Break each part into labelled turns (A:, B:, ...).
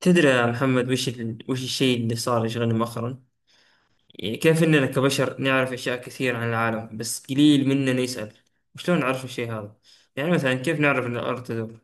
A: تدري يا محمد، وش الشيء اللي صار يشغلني مؤخرا؟ يعني كيف إننا كبشر نعرف أشياء كثير عن العالم، بس قليل مننا يسأل وشلون نعرف الشيء هذا؟ يعني مثلا كيف نعرف إن الأرض تدور؟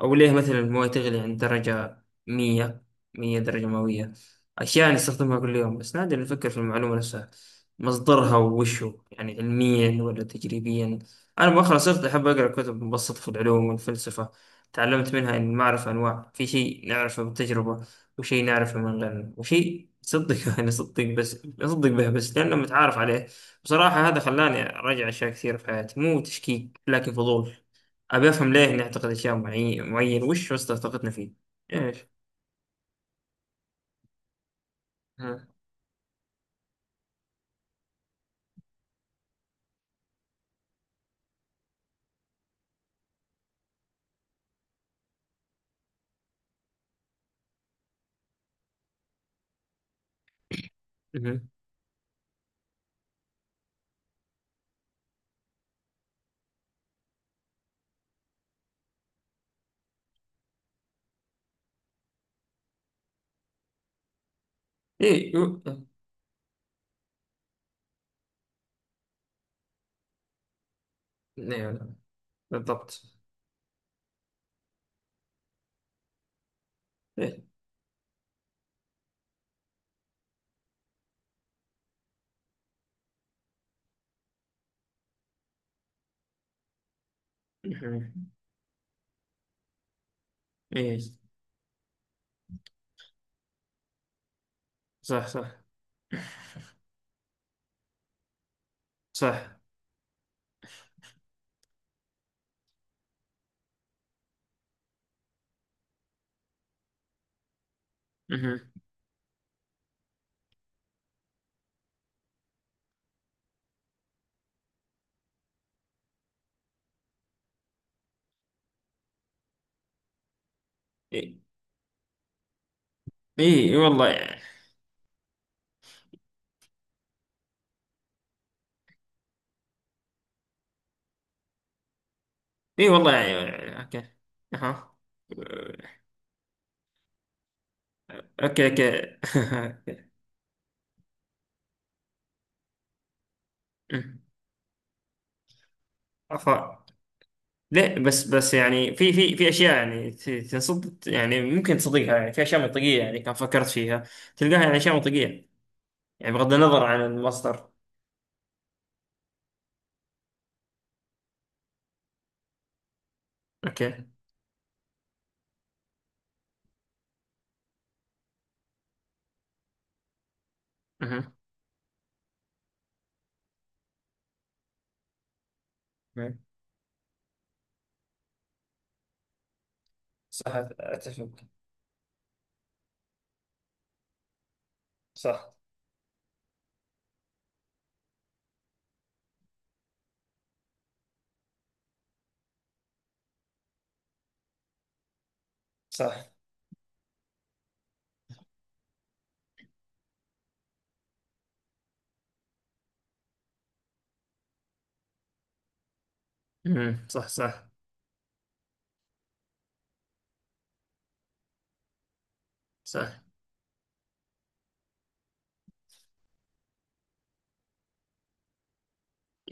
A: أو ليه مثلا الموية تغلي عند درجة مية 100 درجة مئوية. أشياء نستخدمها كل يوم بس نادر نفكر في المعلومة نفسها، مصدرها ووشه يعني علميا ولا تجريبيا. أنا مؤخرا صرت أحب أقرأ كتب مبسطة في العلوم والفلسفة. تعلمت منها إن المعرفة أنواع، في شيء نعرفه بالتجربة وشيء نعرفه من غيرنا وشيء نصدق نصدق به بس لأنه متعارف عليه. بصراحة هذا خلاني أراجع أشياء كثيرة في حياتي، مو تشكيك لكن فضول. أبي أفهم ليه نعتقد أشياء معينة وش وسط طاقتنا فيه. إيش؟ ها؟ مهم. إيه إيه. لا. بالضبط. إيه. مهم. إيه. صح، صح، صح. مهم. إيه، إيه، إيه، والله. إيه والله يعني. أوكي. أها. أوكي، أوكي. مم. عفوا. لا، بس يعني في اشياء يعني ت- تنصد يعني ممكن تصدقها، يعني في اشياء منطقيه يعني كان فكرت فيها. تلقاها يعني اشياء منطقيه، يعني بغض النظر عن المصدر. اوكي. اها. مم. صح. اتفق. صح، صح. امم. صح، صح، صح.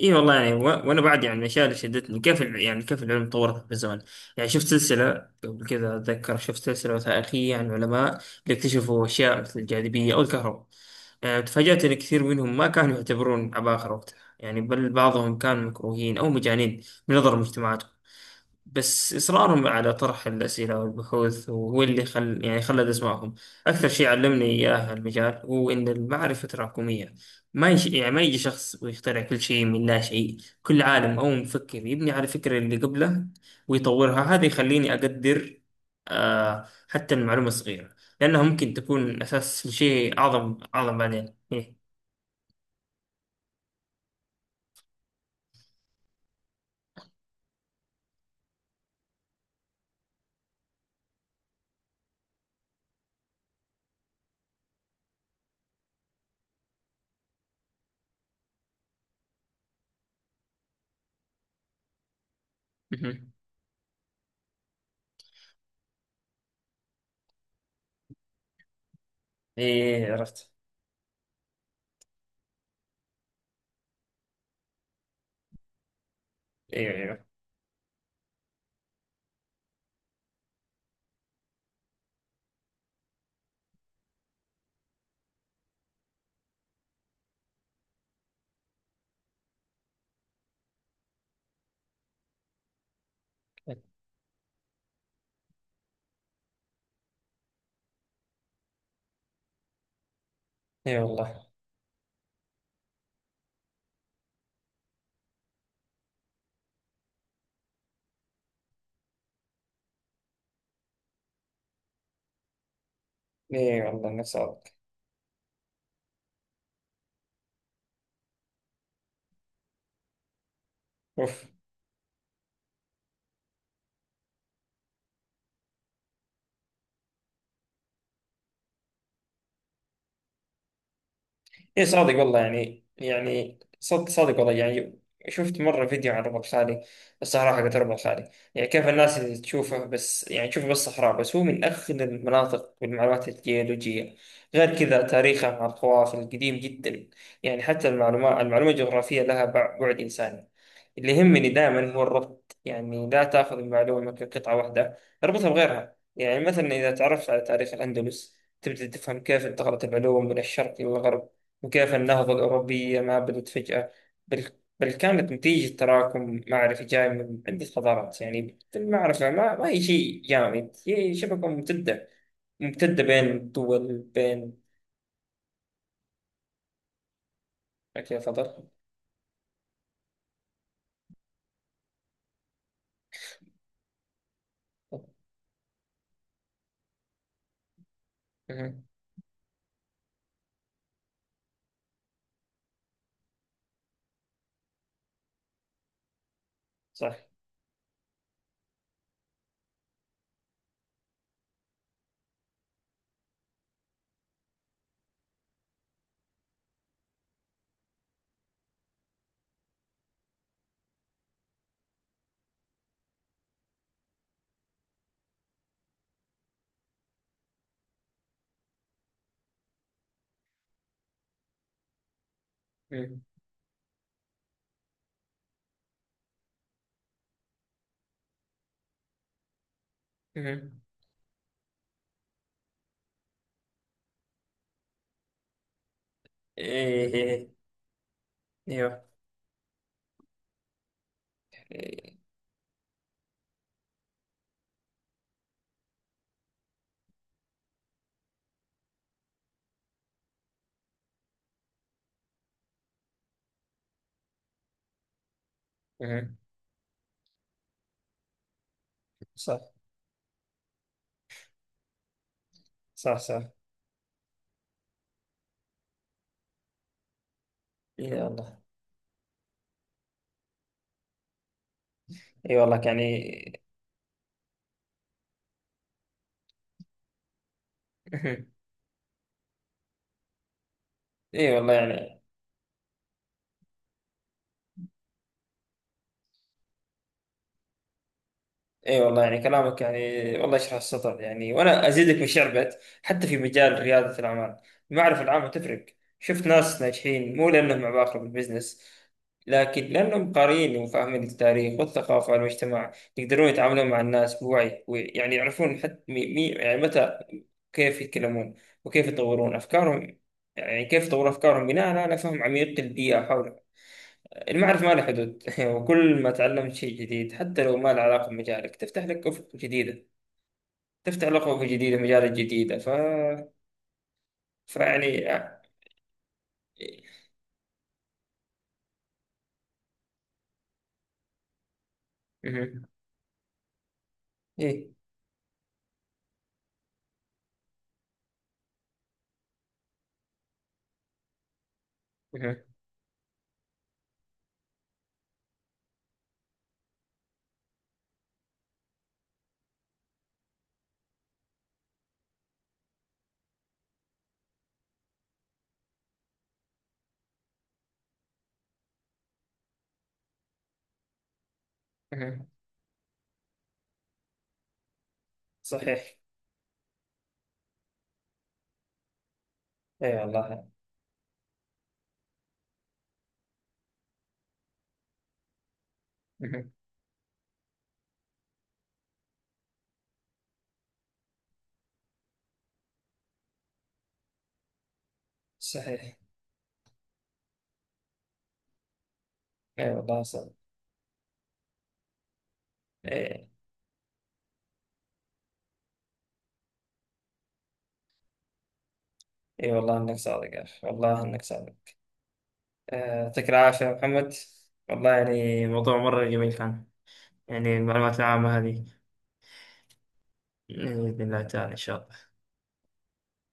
A: اي والله يعني، وانا بعد يعني من الاشياء اللي شدتني يعني كيف العلم تطورت بالزمن. يعني شفت سلسله قبل كذا، اتذكر شفت سلسله وثائقيه عن علماء اللي اكتشفوا اشياء مثل الجاذبيه او الكهرباء. يعني تفاجات ان كثير منهم ما كانوا يعتبرون عباقرة وقتها، يعني بل بعضهم كانوا مكروهين او مجانين من نظر المجتمعات. بس إصرارهم على طرح الأسئلة والبحوث هو اللي خل يعني خلد اسمائهم. أكثر شيء علمني إياه المجال هو إن المعرفة تراكمية. ما يش... يعني ما يجي شخص ويخترع كل شيء من لا شيء. كل عالم أو مفكر يبني على الفكرة اللي قبله ويطورها، هذا يخليني أقدر آه حتى المعلومة الصغيرة لأنها ممكن تكون أساس لشيء أعظم، أعظم بعدين. إيه. مهم. إيه عرفت. إيه، إيه. إيه والله. إيه والله نفس هذا. أوف. ايه صادق والله يعني، يعني صد صادق والله يعني. شفت مرة فيديو عن ربع خالي، الصحراء حقت ربع خالي، يعني كيف الناس اللي تشوفه بس، صحراء، بس هو من أخذ المناطق بالمعلومات الجيولوجية، غير كذا تاريخه مع القوافل القديم جدا. يعني حتى المعلومة الجغرافية لها بعد إنساني. اللي يهمني دائما هو الربط، يعني لا تأخذ المعلومة كقطعة واحدة، اربطها بغيرها. يعني مثلا إذا تعرفت على تاريخ الأندلس تبدأ تفهم كيف انتقلت العلوم من الشرق إلى الغرب، وكيف النهضة الأوروبية ما بدت فجأة، بل, بل كانت نتيجة تراكم معرفي جاي من عدة حضارات. يعني المعرفة ما هي شيء جامد، هي شبكة ممتدة بين الدول، بين... أوكي، تفضل. مهم. صح. مهم. مهم. إيه، إيه. إيوه. مهم. صح. صح، صح. إي والله. إي والله يعني. مهم. إي والله يعني. اي والله يعني كلامك يعني، والله يشرح السطر، يعني وانا ازيدك من شعبك حتى في مجال رياده الاعمال، المعرفه العامه تفرق. شفت ناس ناجحين مو لانهم عباقرة بالبزنس، لكن لانهم قارئين وفاهمين التاريخ والثقافه والمجتمع، يقدرون يتعاملون مع الناس بوعي ويعني يعرفون حتى متى كيف يتكلمون وكيف يطورون افكارهم. يعني كيف يطورون افكارهم بناء على فهم عميق للبيئه حولهم. المعرفة ما لها حدود وكل ما تعلمت شيء جديد حتى لو ما له علاقة بمجالك تفتح لك أفق جديدة. تفتح لك أفق جديدة مجالات جديدة فيعني. مهم. إيه. مهم. مهم. صحيح. أي والله. مهم. صحيح. أي والله صادق. أي. أي والله إنك صادق يا أخي، والله إنك صادق. آه، يعطيك العافية يا محمد، والله يعني موضوع مرة جميل كان، يعني المعلومات العامة هذه. يعني بإذن الله تعالى إن شاء الله.